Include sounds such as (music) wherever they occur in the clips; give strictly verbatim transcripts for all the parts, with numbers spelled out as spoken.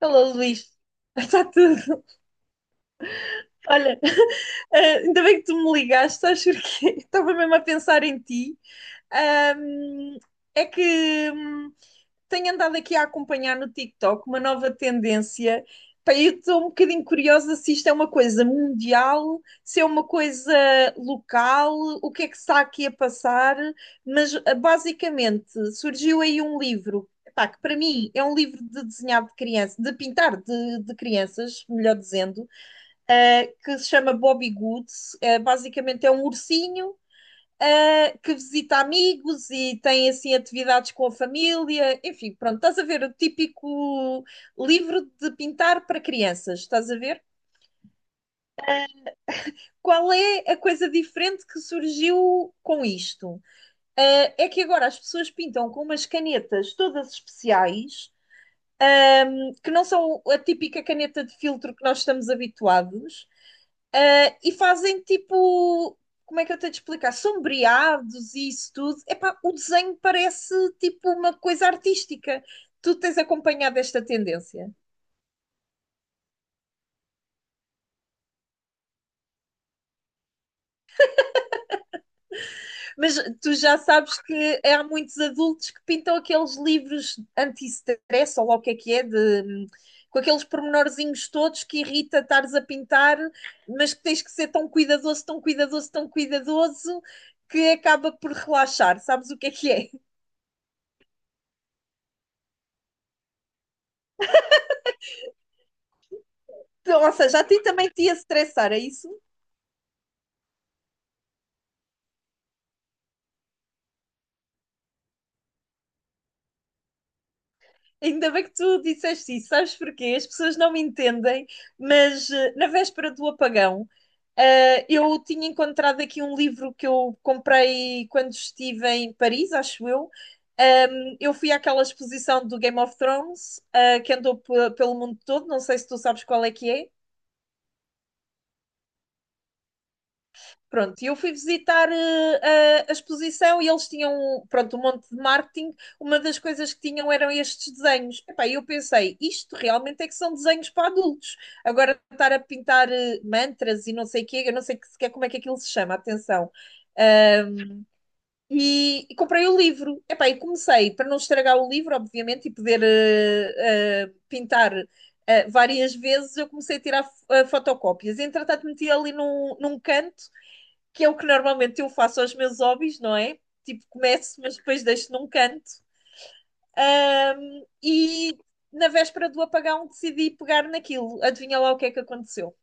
Alô, Luís. (laughs) Está tudo. Olha, eh, ainda bem que tu me ligaste, sabes porquê? (laughs) Estava mesmo a pensar em ti. Ahm, É que hum, tenho andado aqui a acompanhar no TikTok uma nova tendência. Pá, eu estou um bocadinho curiosa se isto é uma coisa mundial, se é uma coisa local, o que é que está aqui a passar, mas ah, basicamente surgiu aí um livro, pá, que para mim é um livro de desenhar de criança, de pintar de, de crianças, melhor dizendo, ah, que se chama Bobby Goods. Ah, basicamente é um ursinho ah, que visita amigos e tem assim atividades com a família. Enfim, pronto, estás a ver o típico livro de pintar para crianças, estás a ver? Qual é a coisa diferente que surgiu com isto? Ah, é que agora as pessoas pintam com umas canetas todas especiais, que não são a típica caneta de filtro que nós estamos habituados. Eh, e fazem tipo, como é que eu tenho de explicar? Sombreados e isso tudo. Epá, o desenho parece tipo uma coisa artística. Tu tens acompanhado esta tendência. Mas tu já sabes que há muitos adultos que pintam aqueles livros anti-stress, ou lá o que é que é, de, com aqueles pormenorzinhos todos que irrita estares a pintar, mas que tens que ser tão cuidadoso, tão cuidadoso, tão cuidadoso, que acaba por relaxar. Sabes o que é que é? Ou seja, a ti também te ia estressar, é isso? Ainda bem que tu disseste isso, sabes porquê? As pessoas não me entendem, mas eh, na véspera do apagão, eh, eu tinha encontrado aqui um livro que eu comprei quando estive em Paris, acho eu. Um, eu fui àquela exposição do Game of Thrones, eh, que andou pe- pelo mundo todo, não sei se tu sabes qual é que é. Pronto, e eu fui visitar eh, a, a exposição e eles tinham, pronto, um monte de marketing. Uma das coisas que tinham eram estes desenhos. Epá, e eu pensei, isto realmente é que são desenhos para adultos. Agora estar a pintar eh, mantras e não sei o quê, eu não sei que- sequer como é que aquilo se chama, atenção. Ah, e, e comprei o livro. Epá, e comecei, para não estragar o livro, obviamente, e poder eh, eh, pintar eh, várias vezes, eu comecei a tirar f- eh, fotocópias. Entretanto, meti ali num, num canto que é o que normalmente eu faço aos meus hobbies, não é? Tipo, começo, mas depois deixo num canto. Ahm, e na véspera do apagão decidi pegar naquilo. Adivinha lá o que é que aconteceu.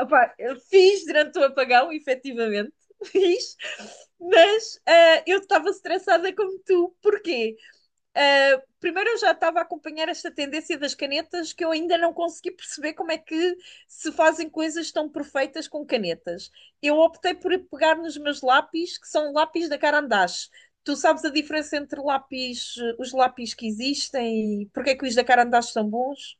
Opá, eu fiz durante o apagão, efetivamente, (laughs) fiz, mas ah, eu estava estressada como tu. Porquê? Uh, primeiro, eu já estava a acompanhar esta tendência das canetas que eu ainda não consegui perceber como é que se fazem coisas tão perfeitas com canetas. Eu optei por pegar nos meus lápis, que são lápis da Carandache. Tu sabes a diferença entre lápis, os lápis que existem e porque é que os da Carandache são bons?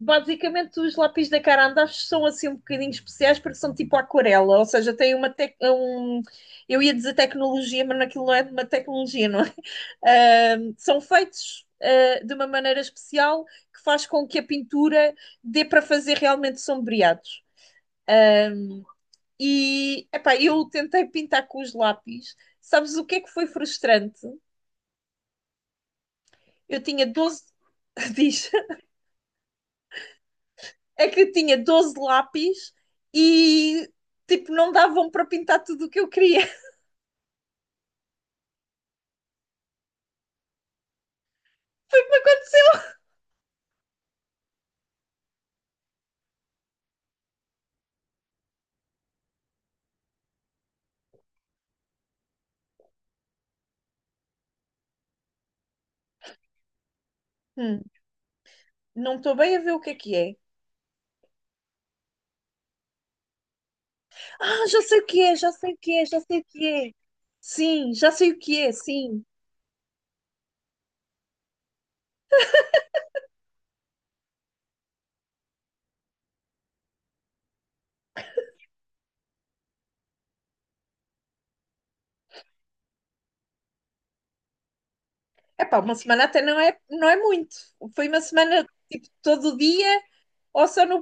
Basicamente, os lápis da Carandache são assim um bocadinho especiais porque são tipo aquarela, ou seja, tem uma tec- um, eu ia dizer tecnologia, mas naquilo não é uma tecnologia, não é? (laughs) Ahm, são feitos ah, de uma maneira especial que faz com que a pintura dê para fazer realmente sombreados. E epá, eu tentei pintar com os lápis. Sabes o que é que foi frustrante? Eu tinha doze. (laughs) Diz. É que eu tinha doze lápis e tipo, não davam para pintar tudo o que eu queria. (laughs) Hum, não estou bem a ver o que é que é. Ah, já sei o que é, já sei o que é, já sei o que é. Sim, já sei o que é, sim. Epá, uma semana até não é, não é muito. Foi uma semana tipo todo o dia ou só no,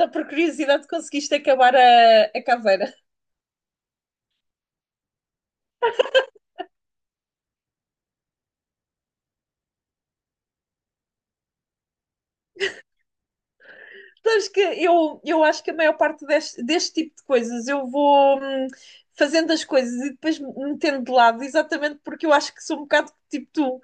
só por curiosidade conseguiste acabar a, a caveira? Sabes que eu, eu acho que a maior parte deste, deste tipo de coisas eu vou hum, fazendo as coisas e depois me metendo de lado, exatamente porque eu acho que sou um bocado tipo tu.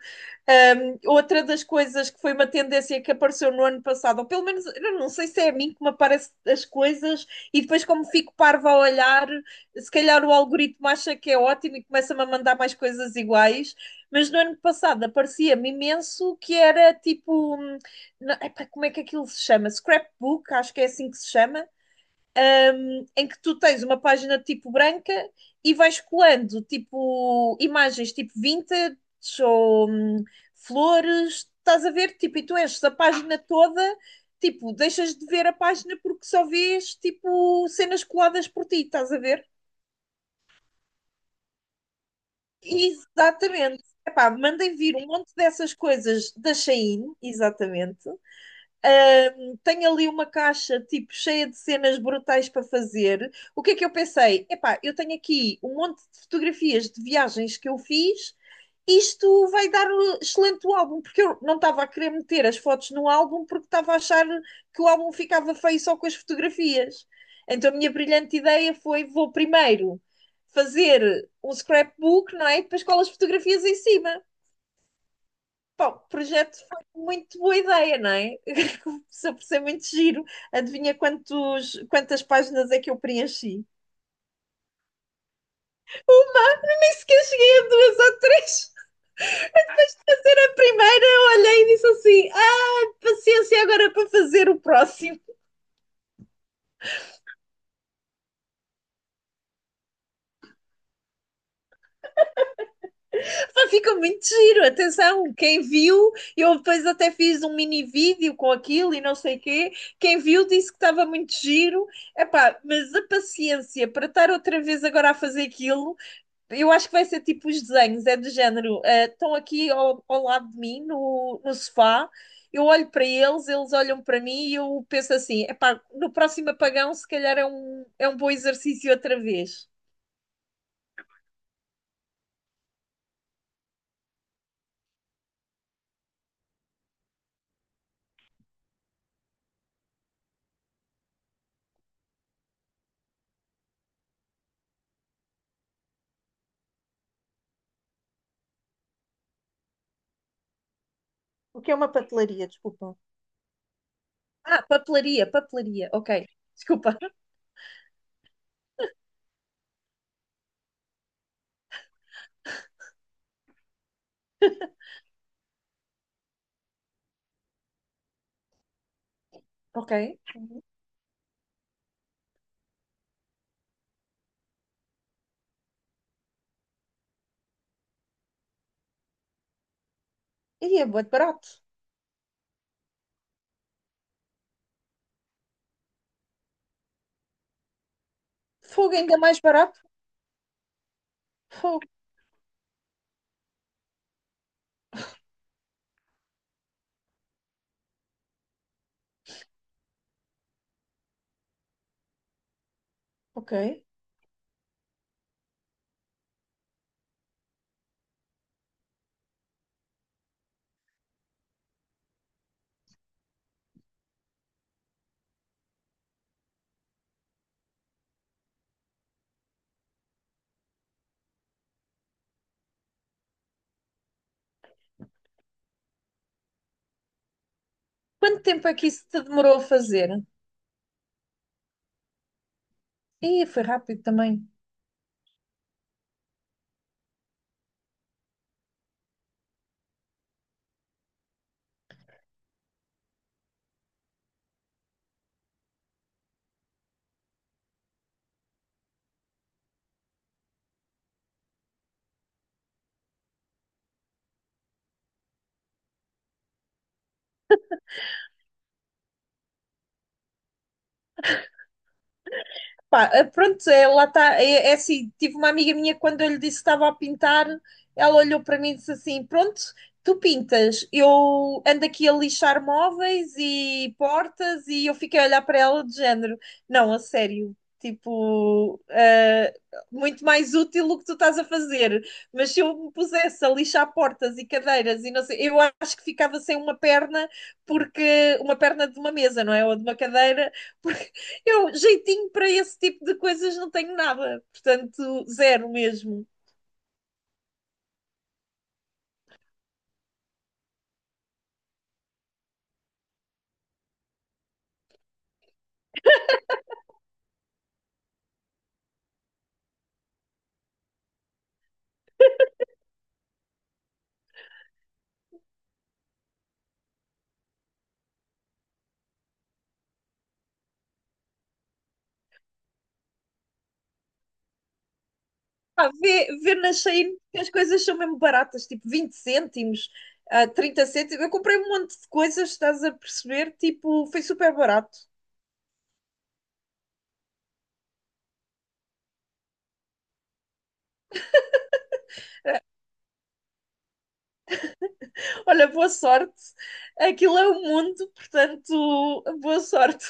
Hum, outra das coisas que foi uma tendência que apareceu no ano passado, ou pelo menos eu não sei se é a mim que me aparecem as coisas, e depois, como fico parva a olhar, se calhar o algoritmo acha que é ótimo e começa-me a mandar mais coisas iguais. Mas no ano passado aparecia-me imenso que era tipo. hum, não, epá, como é que aquilo se chama? Scrapbook, acho que é assim que se chama, em que tu tens uma página de tipo branca e vais colando tipo imagens tipo vintage ou hum, flores, estás a ver? Tipo, e tu enches a página toda, tipo, deixas de ver a página porque só vês tipo cenas coladas por ti, estás a ver? Exatamente. Epá, mandem vir um monte dessas coisas da Shein, exatamente. Ahm, tenho ali uma caixa tipo cheia de cenas brutais para fazer. O que é que eu pensei? Epá, eu tenho aqui um monte de fotografias de viagens que eu fiz. Isto vai dar um excelente álbum, porque eu não estava a querer meter as fotos no álbum porque estava a achar que o álbum ficava feio só com as fotografias. Então a minha brilhante ideia foi: vou primeiro fazer um scrapbook, não é? E depois colo as fotografias em cima. Pá, o projeto foi muito boa ideia, não é? (laughs) Começou por ser muito giro. Adivinha quantos, quantas páginas é que eu preenchi? Nem sequer cheguei a duas ou três. A primeira eu olhei e disse assim: ah, paciência agora para fazer o próximo. (laughs) Pá, ficou muito giro, atenção. Quem viu, eu depois até fiz um mini vídeo com aquilo e não sei o quê. Quem viu disse que estava muito giro. Epá, mas a paciência para estar outra vez agora a fazer aquilo, eu acho que vai ser tipo os desenhos, é do género. Eh, estão aqui ao, ao lado de mim, no, no sofá, eu olho para eles, eles olham para mim e eu penso assim: epá, no próximo apagão, se calhar é um, é um bom exercício outra vez. O que é uma papelaria, desculpa. Ah, papelaria, papelaria, ok. Desculpa. (laughs) Ok. E é bué de barato. Fogo, ainda mais barato. Fogo. Ok. Quanto tempo é que isso te demorou a fazer? Ih, foi rápido também. Pá, eh, pronto, é, lá está. É, é assim, tive uma amiga minha que quando eu lhe disse que estava a pintar, ela olhou para mim e disse assim: Pronto, tu pintas, eu ando aqui a lixar móveis e portas, e eu fiquei a olhar para ela de género: Não, a sério, tipo, eh, muito mais útil o que tu estás a fazer. Mas se eu me pusesse a lixar portas e cadeiras e não sei, eu acho que ficava sem uma perna, porque uma perna de uma mesa, não é? Ou de uma cadeira. (laughs) Eu, jeitinho para esse tipo de coisas, não tenho nada. Portanto, zero mesmo. Ah, vê, vê na Shein que as coisas são mesmo baratas, tipo vinte cêntimos, ah, trinta cêntimos. Eu comprei um monte de coisas, estás a perceber? Tipo, foi super barato. Olha, boa sorte. Aquilo é o mundo, portanto, boa sorte.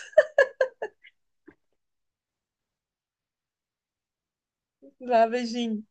Vá, beijinho.